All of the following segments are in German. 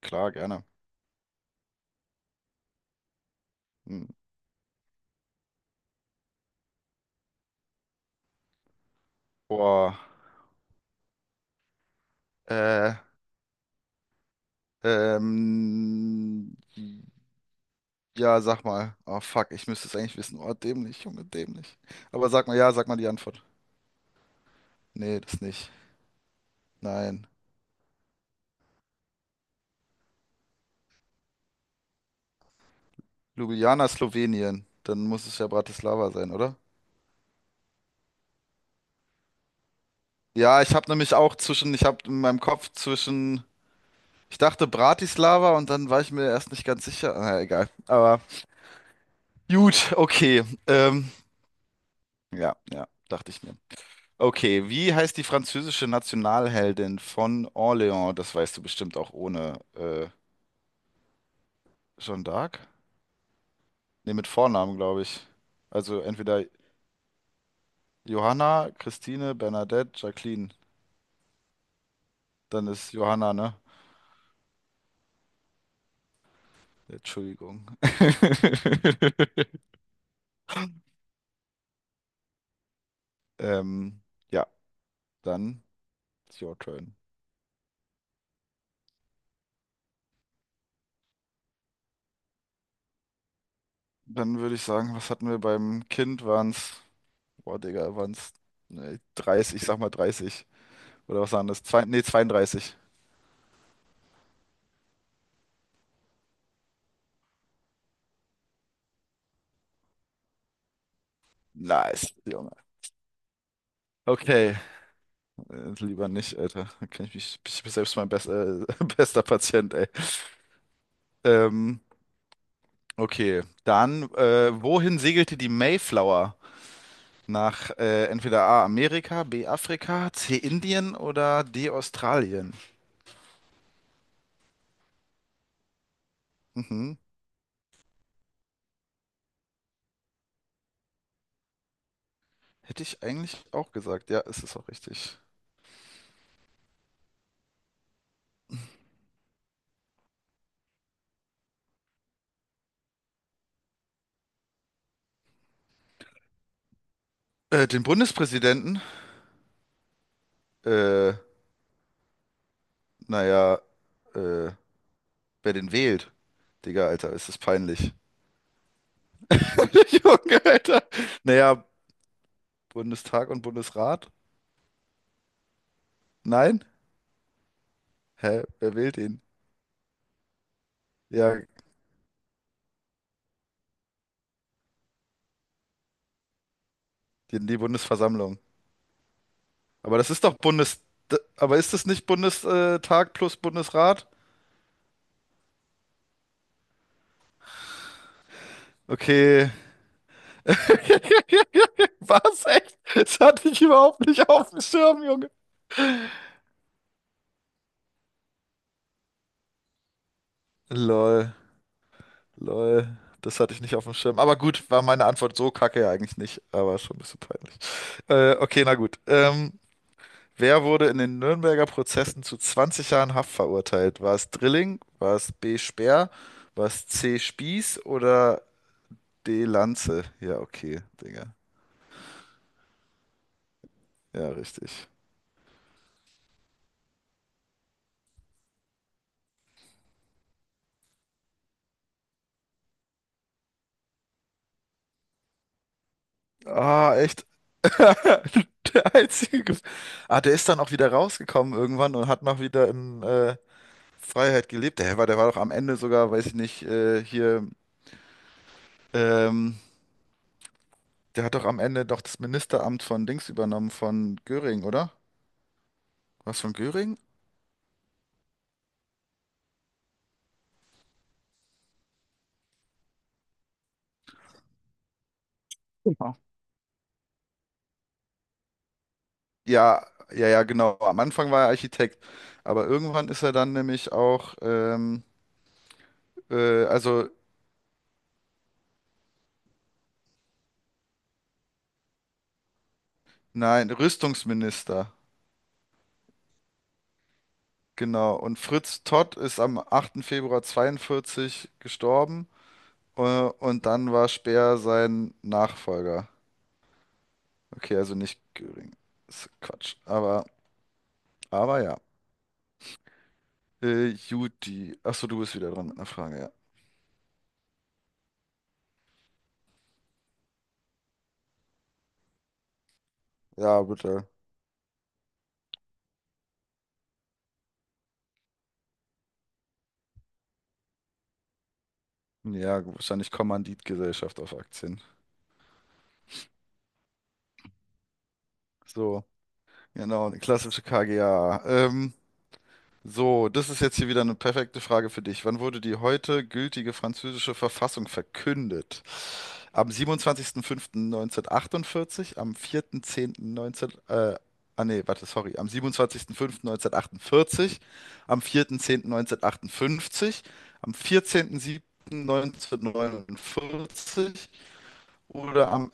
Klar, gerne. Hm. Boah. Äh, ähm, ja, sag mal. Oh fuck, ich müsste es eigentlich wissen. Oh, dämlich, Junge, dämlich. Aber sag mal, ja, sag mal die Antwort. Nee, das nicht. Nein. Ljubljana, Slowenien. Dann muss es ja Bratislava sein, oder? Ja, ich habe in meinem Kopf zwischen, ich dachte Bratislava und dann war ich mir erst nicht ganz sicher. Na, egal. Aber gut, okay. Ja, ja, dachte ich mir. Okay, wie heißt die französische Nationalheldin von Orléans? Das weißt du bestimmt auch ohne Jeanne d'Arc. Ne, mit Vornamen, glaube ich. Also entweder Johanna, Christine, Bernadette, Jacqueline. Dann ist Johanna, ne? Entschuldigung. Ähm, ja, dann it's your turn. Dann würde ich sagen, was hatten wir beim Kind? Waren's, boah, Digga, waren's ne, 30, ich sag mal 30. Oder was waren das? Zwei, nee, 32. Nice, Junge. Okay, lieber nicht, Alter. Da kann ich mich, ich bin selbst mein bester Patient, ey. Ähm, okay, dann, wohin segelte die Mayflower? Nach entweder A, Amerika, B, Afrika, C, Indien oder D, Australien? Mhm. Hätte ich eigentlich auch gesagt. Ja, ist es auch richtig. Den Bundespräsidenten? Äh, naja, äh, wer den wählt? Digga, Alter, ist es peinlich. Junge, Alter. Naja, Bundestag und Bundesrat? Nein? Hä? Wer wählt ihn? Ja, die Bundesversammlung. Aber das ist doch Bundes... Aber ist das nicht Bundestag plus Bundesrat? Okay. Was? Echt? Das hatte ich überhaupt nicht auf dem Schirm, Junge. Lol. Lol. Das hatte ich nicht auf dem Schirm. Aber gut, war meine Antwort so kacke ja eigentlich nicht. Aber schon ein bisschen peinlich. Okay, na gut. Wer wurde in den Nürnberger Prozessen zu 20 Jahren Haft verurteilt? War es Drilling? War es B. Speer? War es C. Spieß oder D. Lanze? Ja, okay, Digga. Ja, richtig. Ah, echt. Der einzige. Der ist dann auch wieder rausgekommen irgendwann und hat noch wieder in Freiheit gelebt. Der war doch am Ende sogar, weiß ich nicht, hier. Ähm, der hat doch am Ende doch das Ministeramt von Dings übernommen, von Göring, oder? Was von Göring? Ja. Ja, ja, ja, genau. Am Anfang war er Architekt, aber irgendwann ist er dann nämlich auch, also nein, Rüstungsminister. Genau. Und Fritz Todt ist am 8. Februar 42 gestorben, äh, und dann war Speer sein Nachfolger. Okay, also nicht Göring. Ist Quatsch. Aber ja. Juti. Achso, du bist wieder dran mit einer Frage, ja. Ja, bitte. Ja, wahrscheinlich Kommanditgesellschaft auf Aktien. So. Genau, eine klassische KGA. So, das ist jetzt hier wieder eine perfekte Frage für dich. Wann wurde die heute gültige französische Verfassung verkündet? Am 27.05.1948, am 4.10.19, ah nee, warte, sorry, am 27.05.1948, am 4.10.1958, am 14.07.1949, oder am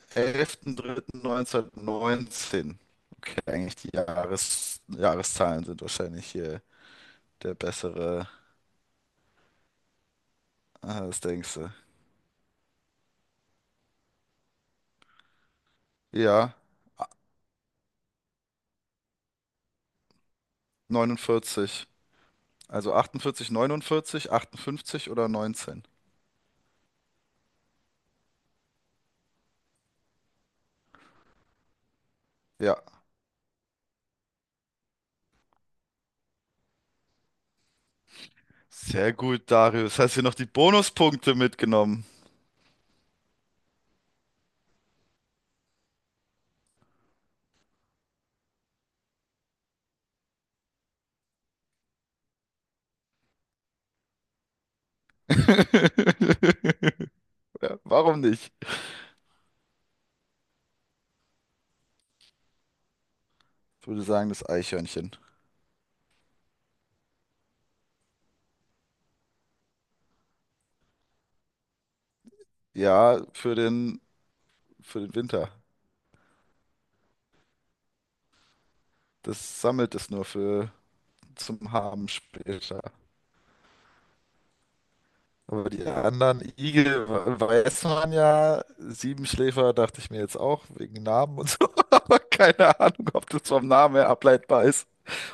11.03.1919. Okay, eigentlich die Jahreszahlen sind wahrscheinlich hier der bessere, das denkst du. Ja, 49. Also 48, 49, 58 oder 19. Ja, sehr gut, Darius. Hast du noch die Bonuspunkte mitgenommen? Ja, warum nicht? Ich würde sagen, das Eichhörnchen. Ja, für den Winter. Das sammelt es nur für zum Haben später. Aber die anderen Igel weiß man ja. Siebenschläfer dachte ich mir jetzt auch, wegen Namen und so. Aber keine Ahnung, ob das vom Namen her ableitbar ist.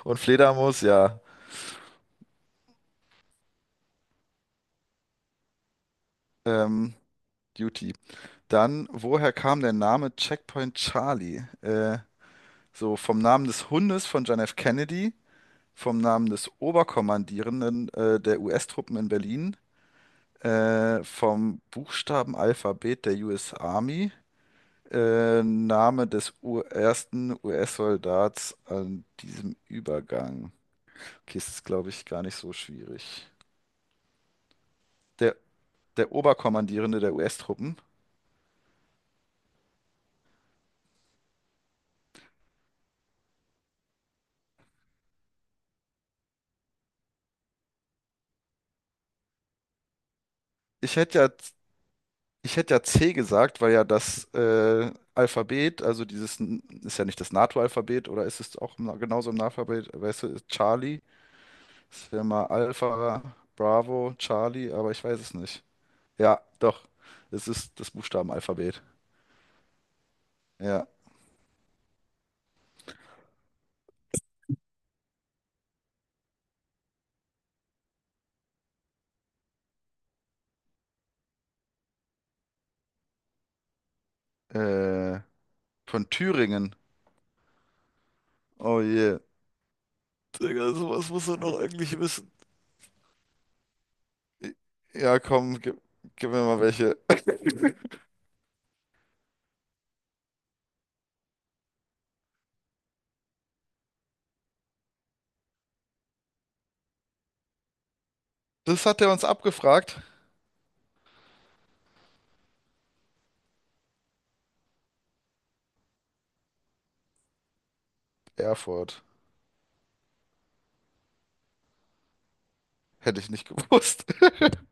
Und Fledermaus, ja. Ähm, Duty. Dann, woher kam der Name Checkpoint Charlie? So vom Namen des Hundes von John F. Kennedy, vom Namen des Oberkommandierenden der US-Truppen in Berlin, vom Buchstabenalphabet der US Army. Name des U ersten US-Soldats an diesem Übergang. Okay, es ist, glaube ich, gar nicht so schwierig. Der, der Oberkommandierende der US-Truppen. Ich hätte ja, ich hätte ja C gesagt, weil ja das Alphabet, also dieses, N- ist ja nicht das NATO-Alphabet, oder ist es auch genauso im NATO-Alphabet? Weißt du, ist Charlie, das wäre mal Alpha, Bravo, Charlie, aber ich weiß es nicht. Ja, doch, es ist das Buchstabenalphabet. Ja, äh, von Thüringen. Oh je. Digga, sowas muss er noch eigentlich wissen. Ja, komm, gib mir mal welche. Das hat er uns abgefragt. Erfurt. Hätte ich nicht gewusst.